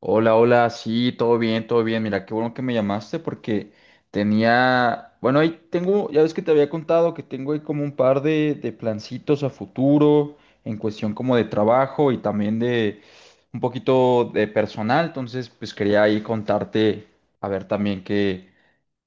Hola, hola, sí, todo bien, todo bien. Mira, qué bueno que me llamaste porque tenía, bueno, ahí tengo, ya ves que te había contado que tengo ahí como un par de plancitos a futuro en cuestión como de trabajo y también de un poquito de personal. Entonces, pues quería ahí contarte, a ver también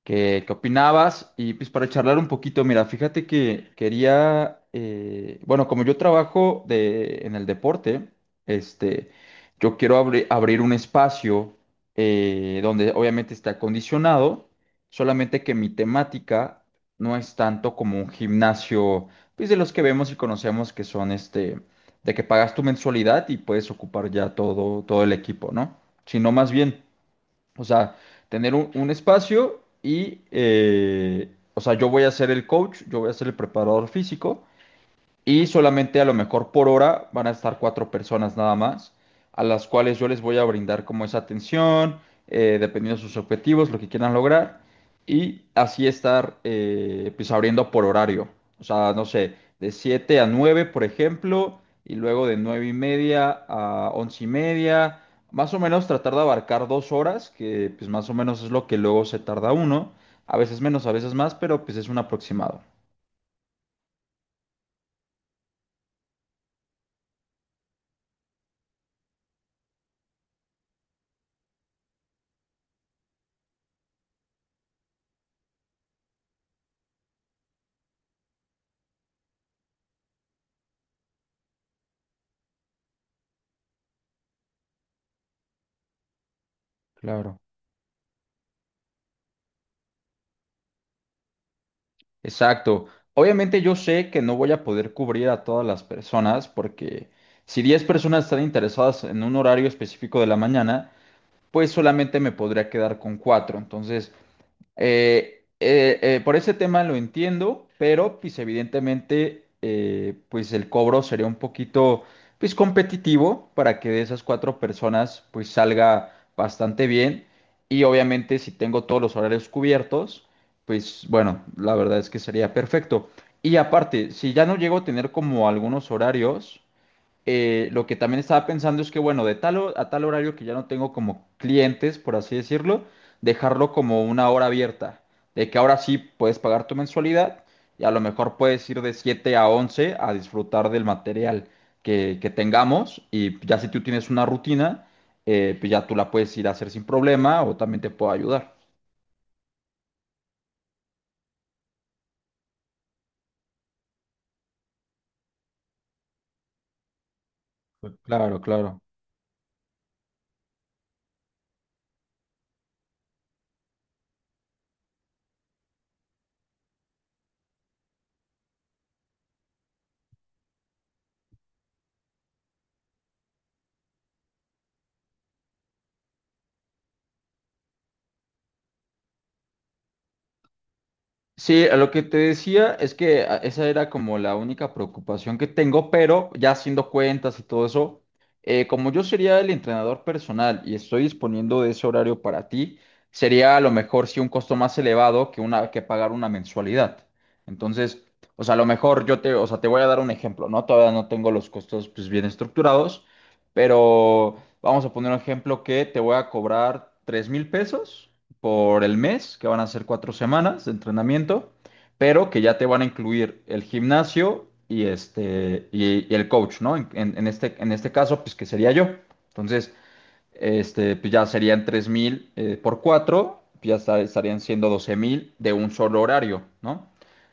qué opinabas. Y pues para charlar un poquito, mira, fíjate que quería, bueno, como yo trabajo en el deporte, este, yo quiero abrir un espacio, donde obviamente esté acondicionado, solamente que mi temática no es tanto como un gimnasio, pues de los que vemos y conocemos que son este, de que pagas tu mensualidad y puedes ocupar ya todo el equipo, ¿no? Sino más bien. O sea, tener un espacio y, o sea, yo voy a ser el coach, yo voy a ser el preparador físico y solamente a lo mejor por hora van a estar cuatro personas nada más, a las cuales yo les voy a brindar como esa atención, dependiendo de sus objetivos, lo que quieran lograr, y así estar pues abriendo por horario. O sea, no sé, de 7 a 9 por ejemplo, y luego de 9 y media a 11 y media, más o menos tratar de abarcar 2 horas, que pues más o menos es lo que luego se tarda uno, a veces menos, a veces más, pero pues es un aproximado. Claro. Exacto. Obviamente yo sé que no voy a poder cubrir a todas las personas porque si 10 personas están interesadas en un horario específico de la mañana, pues solamente me podría quedar con 4. Entonces, por ese tema lo entiendo, pero pues evidentemente, pues el cobro sería un poquito pues competitivo para que de esas cuatro personas pues salga bastante bien, y obviamente si tengo todos los horarios cubiertos, pues bueno, la verdad es que sería perfecto. Y aparte, si ya no llego a tener como algunos horarios, lo que también estaba pensando es que, bueno, de tal a tal horario que ya no tengo como clientes, por así decirlo, dejarlo como una hora abierta, de que ahora sí puedes pagar tu mensualidad y a lo mejor puedes ir de 7 a 11 a disfrutar del material que tengamos, y ya si tú tienes una rutina, pues ya tú la puedes ir a hacer sin problema, o también te puedo ayudar. Claro, claro. Sí, a lo que te decía es que esa era como la única preocupación que tengo, pero ya haciendo cuentas y todo eso, como yo sería el entrenador personal y estoy disponiendo de ese horario para ti, sería a lo mejor sí un costo más elevado que una que pagar una mensualidad. Entonces, o sea, a lo mejor yo te, o sea, te voy a dar un ejemplo, ¿no? Todavía no tengo los costos pues bien estructurados, pero vamos a poner un ejemplo que te voy a cobrar 3.000 pesos por el mes, que van a ser 4 semanas de entrenamiento, pero que ya te van a incluir el gimnasio y este y el coach, ¿no? En este caso, pues que sería yo. Entonces, este, pues ya serían 3.000, por 4 pues ya estarían siendo 12.000 de un solo horario, ¿no?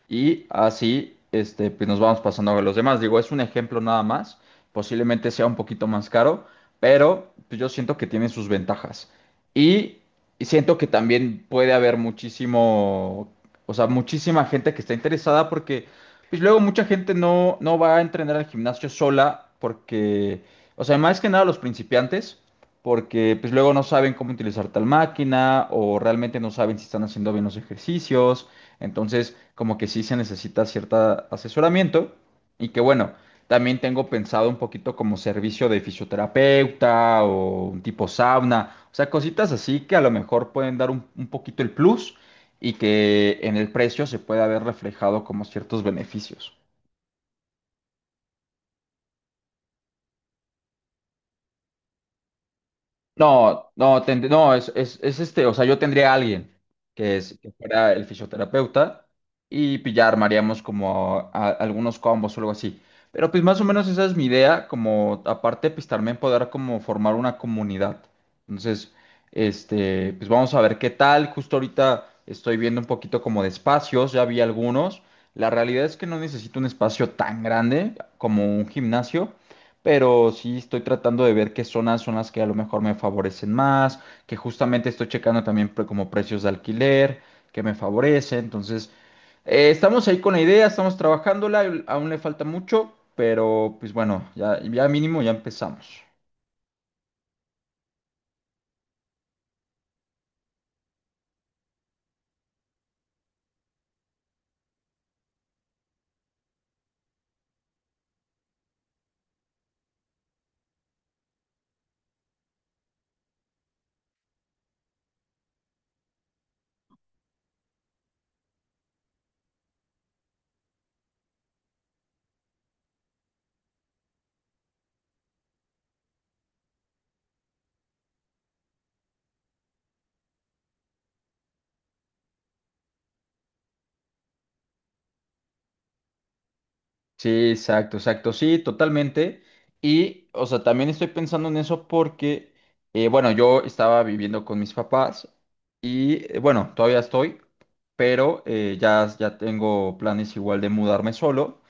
Y así, este, pues nos vamos pasando a los demás. Digo, es un ejemplo nada más, posiblemente sea un poquito más caro, pero pues yo siento que tiene sus ventajas. Y y siento que también puede haber muchísimo, o sea, muchísima gente que está interesada porque pues luego mucha gente no va a entrenar al gimnasio sola porque, o sea, más que nada los principiantes, porque pues luego no saben cómo utilizar tal máquina o realmente no saben si están haciendo bien los ejercicios. Entonces, como que sí se necesita cierto asesoramiento. Y que bueno, también tengo pensado un poquito como servicio de fisioterapeuta o un tipo sauna, o sea, cositas así que a lo mejor pueden dar un poquito el plus, y que en el precio se pueda ver reflejado como ciertos beneficios. No, no, no, es este, o sea, yo tendría a alguien que fuera el fisioterapeuta, y pillar, ya armaríamos como algunos combos o algo así. Pero pues más o menos esa es mi idea, como aparte pues también poder como formar una comunidad. Entonces, este, pues vamos a ver qué tal. Justo ahorita estoy viendo un poquito como de espacios, ya vi algunos. La realidad es que no necesito un espacio tan grande como un gimnasio, pero sí estoy tratando de ver qué zonas son las que a lo mejor me favorecen más, que justamente estoy checando también como precios de alquiler que me favorecen. Entonces, estamos ahí con la idea, estamos trabajándola, aún le falta mucho, pero pues bueno, ya mínimo ya empezamos. Sí, exacto, exacto, sí, totalmente. Y, o sea, también estoy pensando en eso porque, bueno, yo estaba viviendo con mis papás y, bueno, todavía estoy, pero ya tengo planes igual de mudarme solo,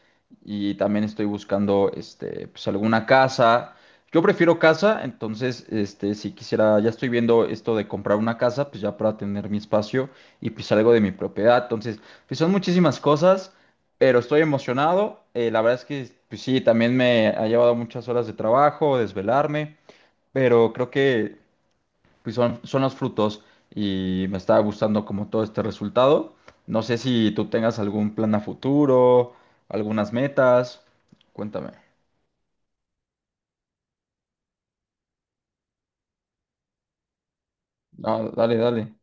y también estoy buscando, este, pues alguna casa. Yo prefiero casa, entonces, este, si quisiera, ya estoy viendo esto de comprar una casa, pues ya para tener mi espacio y pues algo de mi propiedad. Entonces, pues son muchísimas cosas, pero estoy emocionado. La verdad es que pues sí, también me ha llevado muchas horas de trabajo, desvelarme, pero creo que pues son los frutos y me está gustando como todo este resultado. No sé si tú tengas algún plan a futuro, algunas metas. Cuéntame. No, dale, dale.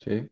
Sí,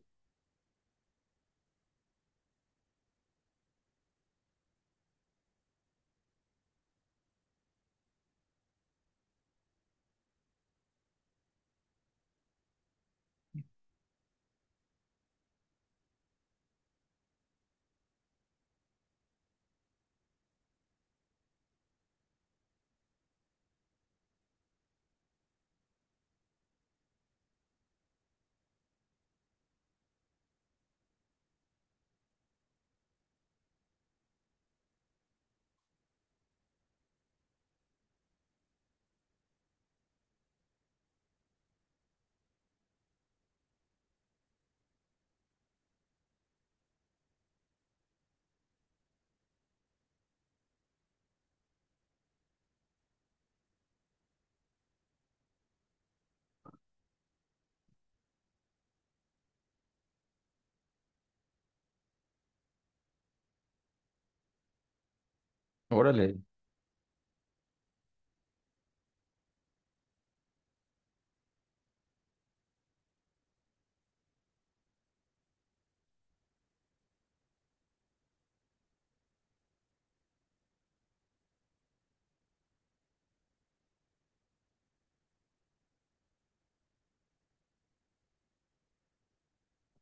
órale,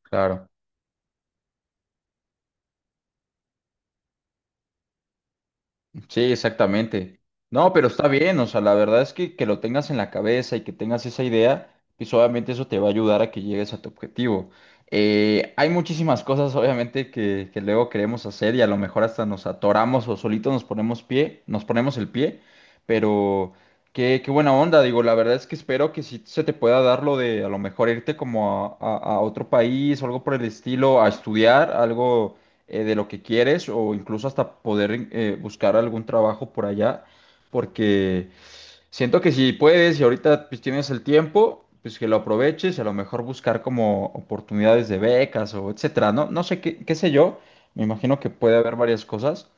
claro. Sí, exactamente. No, pero está bien, o sea, la verdad es que, lo tengas en la cabeza y que tengas esa idea, pues obviamente eso te va a ayudar a que llegues a tu objetivo. Hay muchísimas cosas, obviamente, que luego queremos hacer y a lo mejor hasta nos atoramos o solitos nos ponemos el pie, pero qué buena onda, digo, la verdad es que espero que sí se te pueda dar lo de a lo mejor irte como a otro país o algo por el estilo, a estudiar algo, de lo que quieres, o incluso hasta poder, buscar algún trabajo por allá, porque siento que si puedes y ahorita pues tienes el tiempo, pues que lo aproveches, y a lo mejor buscar como oportunidades de becas o etcétera, ¿no? No sé qué, qué sé yo, me imagino que puede haber varias cosas,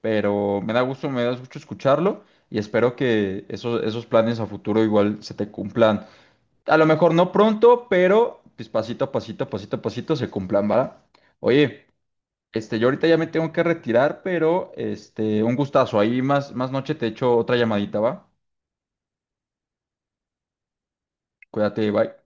pero me da gusto escucharlo. Y espero que esos planes a futuro igual se te cumplan. A lo mejor no pronto, pero pues pasito a pasito se cumplan, ¿va? Oye, este, yo ahorita ya me tengo que retirar, pero este, un gustazo. Ahí más noche te echo otra llamadita, ¿va? Cuídate, bye.